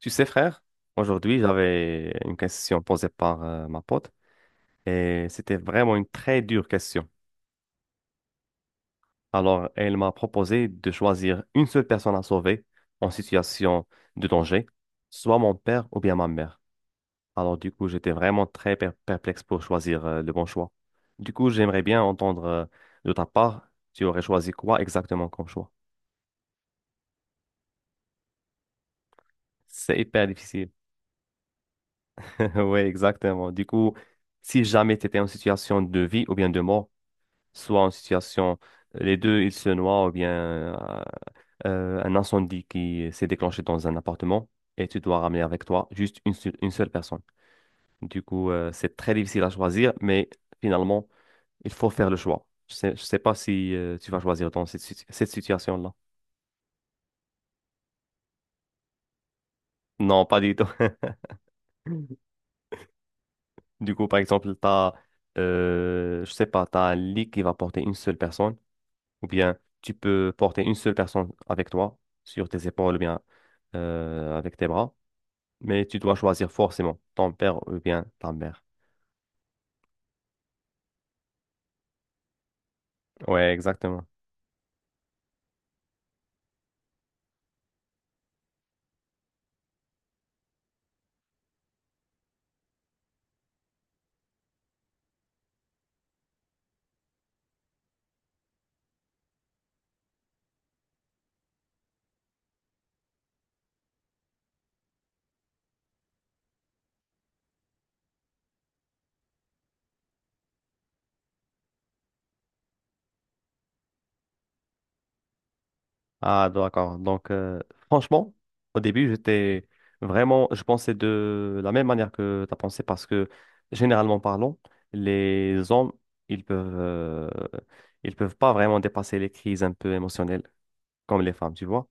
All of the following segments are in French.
Tu sais, frère, aujourd'hui, j'avais une question posée par ma pote et c'était vraiment une très dure question. Alors, elle m'a proposé de choisir une seule personne à sauver en situation de danger, soit mon père ou bien ma mère. Alors, du coup, j'étais vraiment très perplexe pour choisir le bon choix. Du coup, j'aimerais bien entendre de ta part, tu aurais choisi quoi exactement comme choix? C'est hyper difficile. Oui, exactement. Du coup, si jamais tu étais en situation de vie ou bien de mort, soit en situation, les deux, ils se noient ou bien euh, un incendie qui s'est déclenché dans un appartement et tu dois ramener avec toi juste une seule personne. Du coup, c'est très difficile à choisir, mais finalement, il faut faire le choix. Je sais pas si tu vas choisir dans cette situation-là. Non, pas du tout. Du coup, par exemple, je sais pas, t'as un lit qui va porter une seule personne, ou bien tu peux porter une seule personne avec toi sur tes épaules, ou bien avec tes bras. Mais tu dois choisir forcément ton père ou bien ta mère. Ouais, exactement. Ah, d'accord. Donc, franchement, au début, j'étais vraiment, je pensais de la même manière que tu as pensé parce que, généralement parlant, les hommes, ils peuvent, euh, ils peuvent pas vraiment dépasser les crises un peu émotionnelles comme les femmes, tu vois.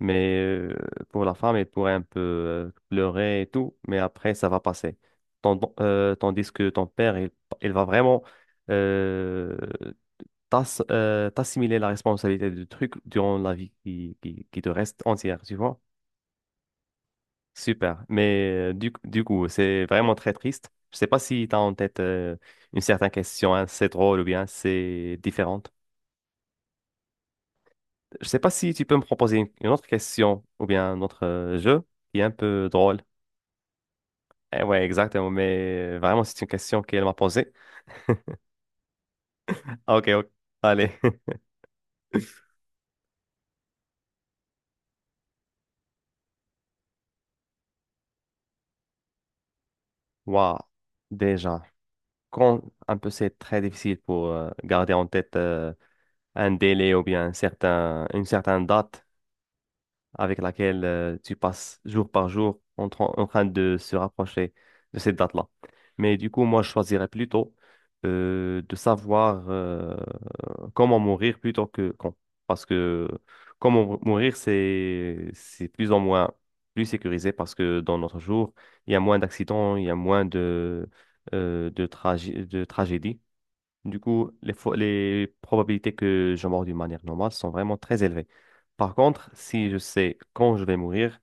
Mais pour la femme, elle pourrait un peu pleurer et tout, mais après, ça va passer. Tandis que ton père, il va vraiment, euh, t'assimiler la responsabilité du truc durant la vie qui te reste entière, tu vois? Super. Mais du coup, c'est vraiment très triste. Je sais pas si tu as en tête une certaine question, hein, c'est drôle ou bien c'est différente. Je sais pas si tu peux me proposer une autre question ou bien un autre jeu qui est un peu drôle. Eh ouais, exactement. Mais vraiment, c'est une question qu'elle m'a posée. Ok, ok. Allez. Waouh. Déjà, quand un peu c'est très difficile pour garder en tête un délai ou bien une certaine date avec laquelle tu passes jour par jour en train de se rapprocher de cette date-là. Mais du coup, moi, je choisirais plutôt de savoir comment mourir plutôt que quand. Parce que mourir, c'est plus ou moins plus sécurisé parce que dans notre jour, il y a moins d'accidents, il y a moins de tragédies. Du coup, les probabilités que je meure d'une manière normale sont vraiment très élevées. Par contre, si je sais quand je vais mourir,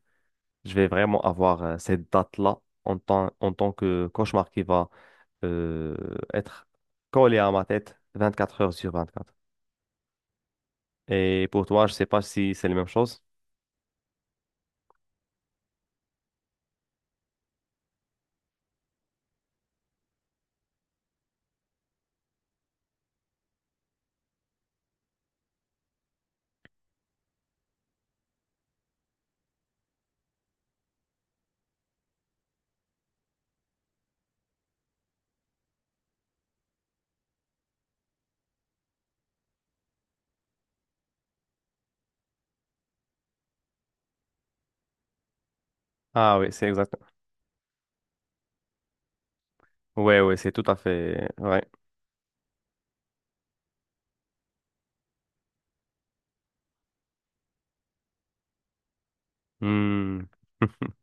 je vais vraiment avoir cette date-là en tant que cauchemar qui va euh, être collé à ma tête 24 heures sur 24. Et pour toi, je sais pas si c'est la même chose. Ah oui, c'est exact. Ouais, ouais, c'est tout à fait vrai. Hmm.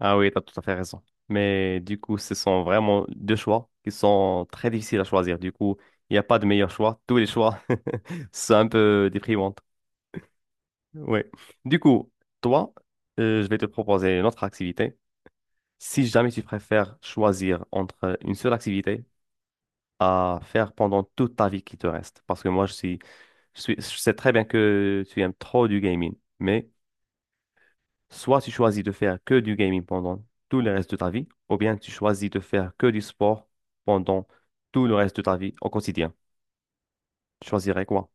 Ah oui, t'as tout à fait raison. Mais du coup, ce sont vraiment deux choix qui sont très difficiles à choisir. Du coup, il n'y a pas de meilleur choix. Tous les choix sont un peu déprimants. Oui. Du coup, toi, je vais te proposer une autre activité. Si jamais tu préfères choisir entre une seule activité à faire pendant toute ta vie qui te reste. Parce que je suis, je sais très bien que tu aimes trop du gaming. Mais soit tu choisis de faire que du gaming pendant tout le reste de ta vie, ou bien tu choisis de faire que du sport pendant tout le reste de ta vie au quotidien. Tu choisirais quoi?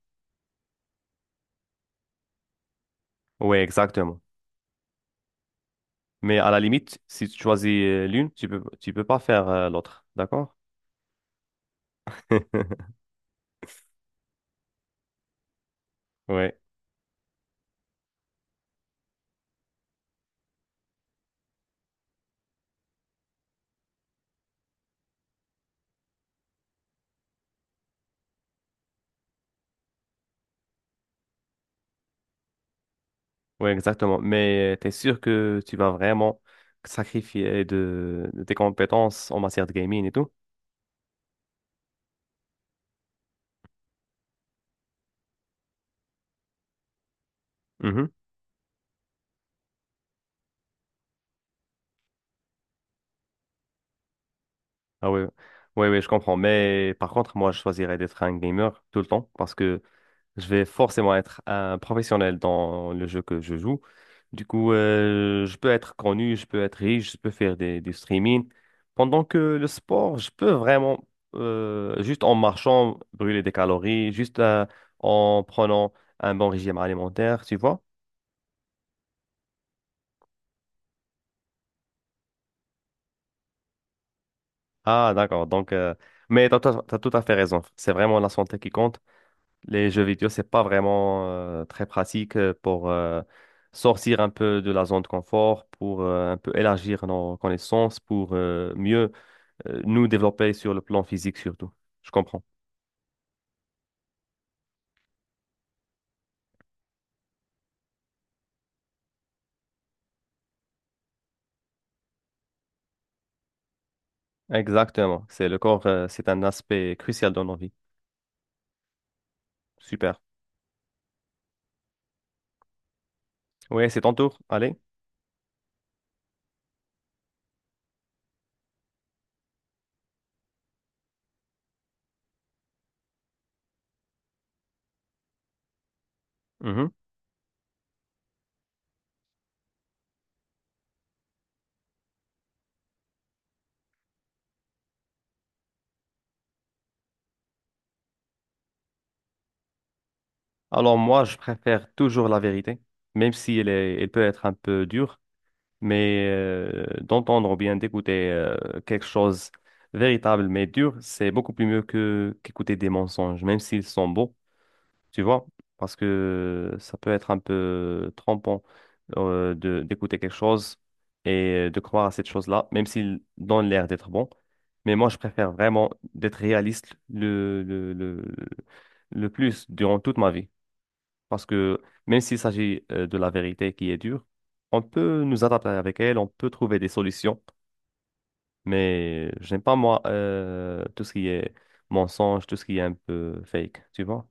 Oui, exactement. Mais à la limite, si tu choisis l'une, tu peux pas faire l'autre, d'accord? Ouais, ouais, exactement. Mais tu es sûr que tu vas vraiment sacrifier de tes compétences en matière de gaming et tout? Mhm. Ah oui, ouais, je comprends. Mais par contre, moi, je choisirais d'être un gamer tout le temps parce que je vais forcément être un professionnel dans le jeu que je joue. Du coup, je peux être connu, je peux être riche, je peux faire du streaming. Pendant que le sport, je peux vraiment, juste en marchant, brûler des calories, juste en prenant un bon régime alimentaire, tu vois? Ah, d'accord. Donc, mais t'as tout à fait raison. C'est vraiment la santé qui compte. Les jeux vidéo, c'est pas vraiment très pratique pour sortir un peu de la zone de confort, pour un peu élargir nos connaissances, pour mieux nous développer sur le plan physique surtout. Je comprends. Exactement. C'est le corps, c'est un aspect crucial dans nos vies. Super. Oui, c'est ton tour. Allez. Mhm. Alors moi, je préfère toujours la vérité, même si elle peut être un peu dure. Mais d'entendre ou bien d'écouter quelque chose véritable mais dur, c'est beaucoup plus mieux que qu'écouter des mensonges, même s'ils sont beaux, tu vois, parce que ça peut être un peu trompant de d'écouter quelque chose et de croire à cette chose-là, même s'il donne l'air d'être bon. Mais moi, je préfère vraiment d'être réaliste le plus durant toute ma vie. Parce que même s'il s'agit de la vérité qui est dure, on peut nous adapter avec elle, on peut trouver des solutions. Mais j'aime pas, moi, tout ce qui est mensonge, tout ce qui est un peu fake, tu vois?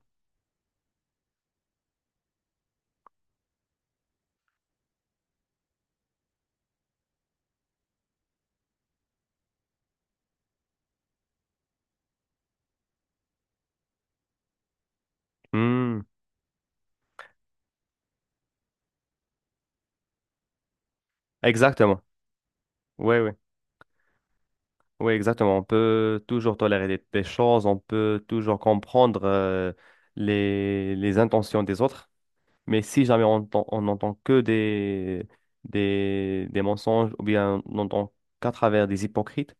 Hmm, exactement. Oui, oui. Oui, exactement. On peut toujours tolérer des choses, on peut toujours comprendre les intentions des autres, mais si jamais on n'entend que des mensonges ou bien on n'entend qu'à travers des hypocrites,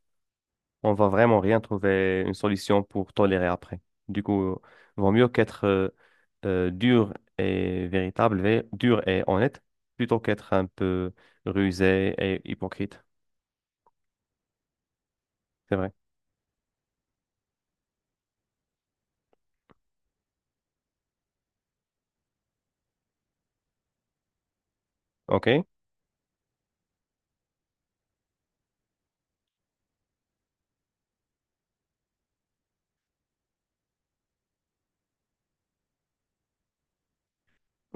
on va vraiment rien trouver une solution pour tolérer après. Du coup, vaut mieux qu'être dur et dur et honnête, plutôt qu'être un peu rusé et hypocrite. C'est vrai. OK?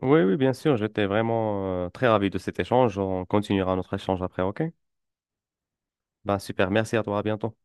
Oui, oui, bien sûr, j'étais vraiment très ravi de cet échange. On continuera notre échange après, ok? Bah super, merci à toi, à bientôt.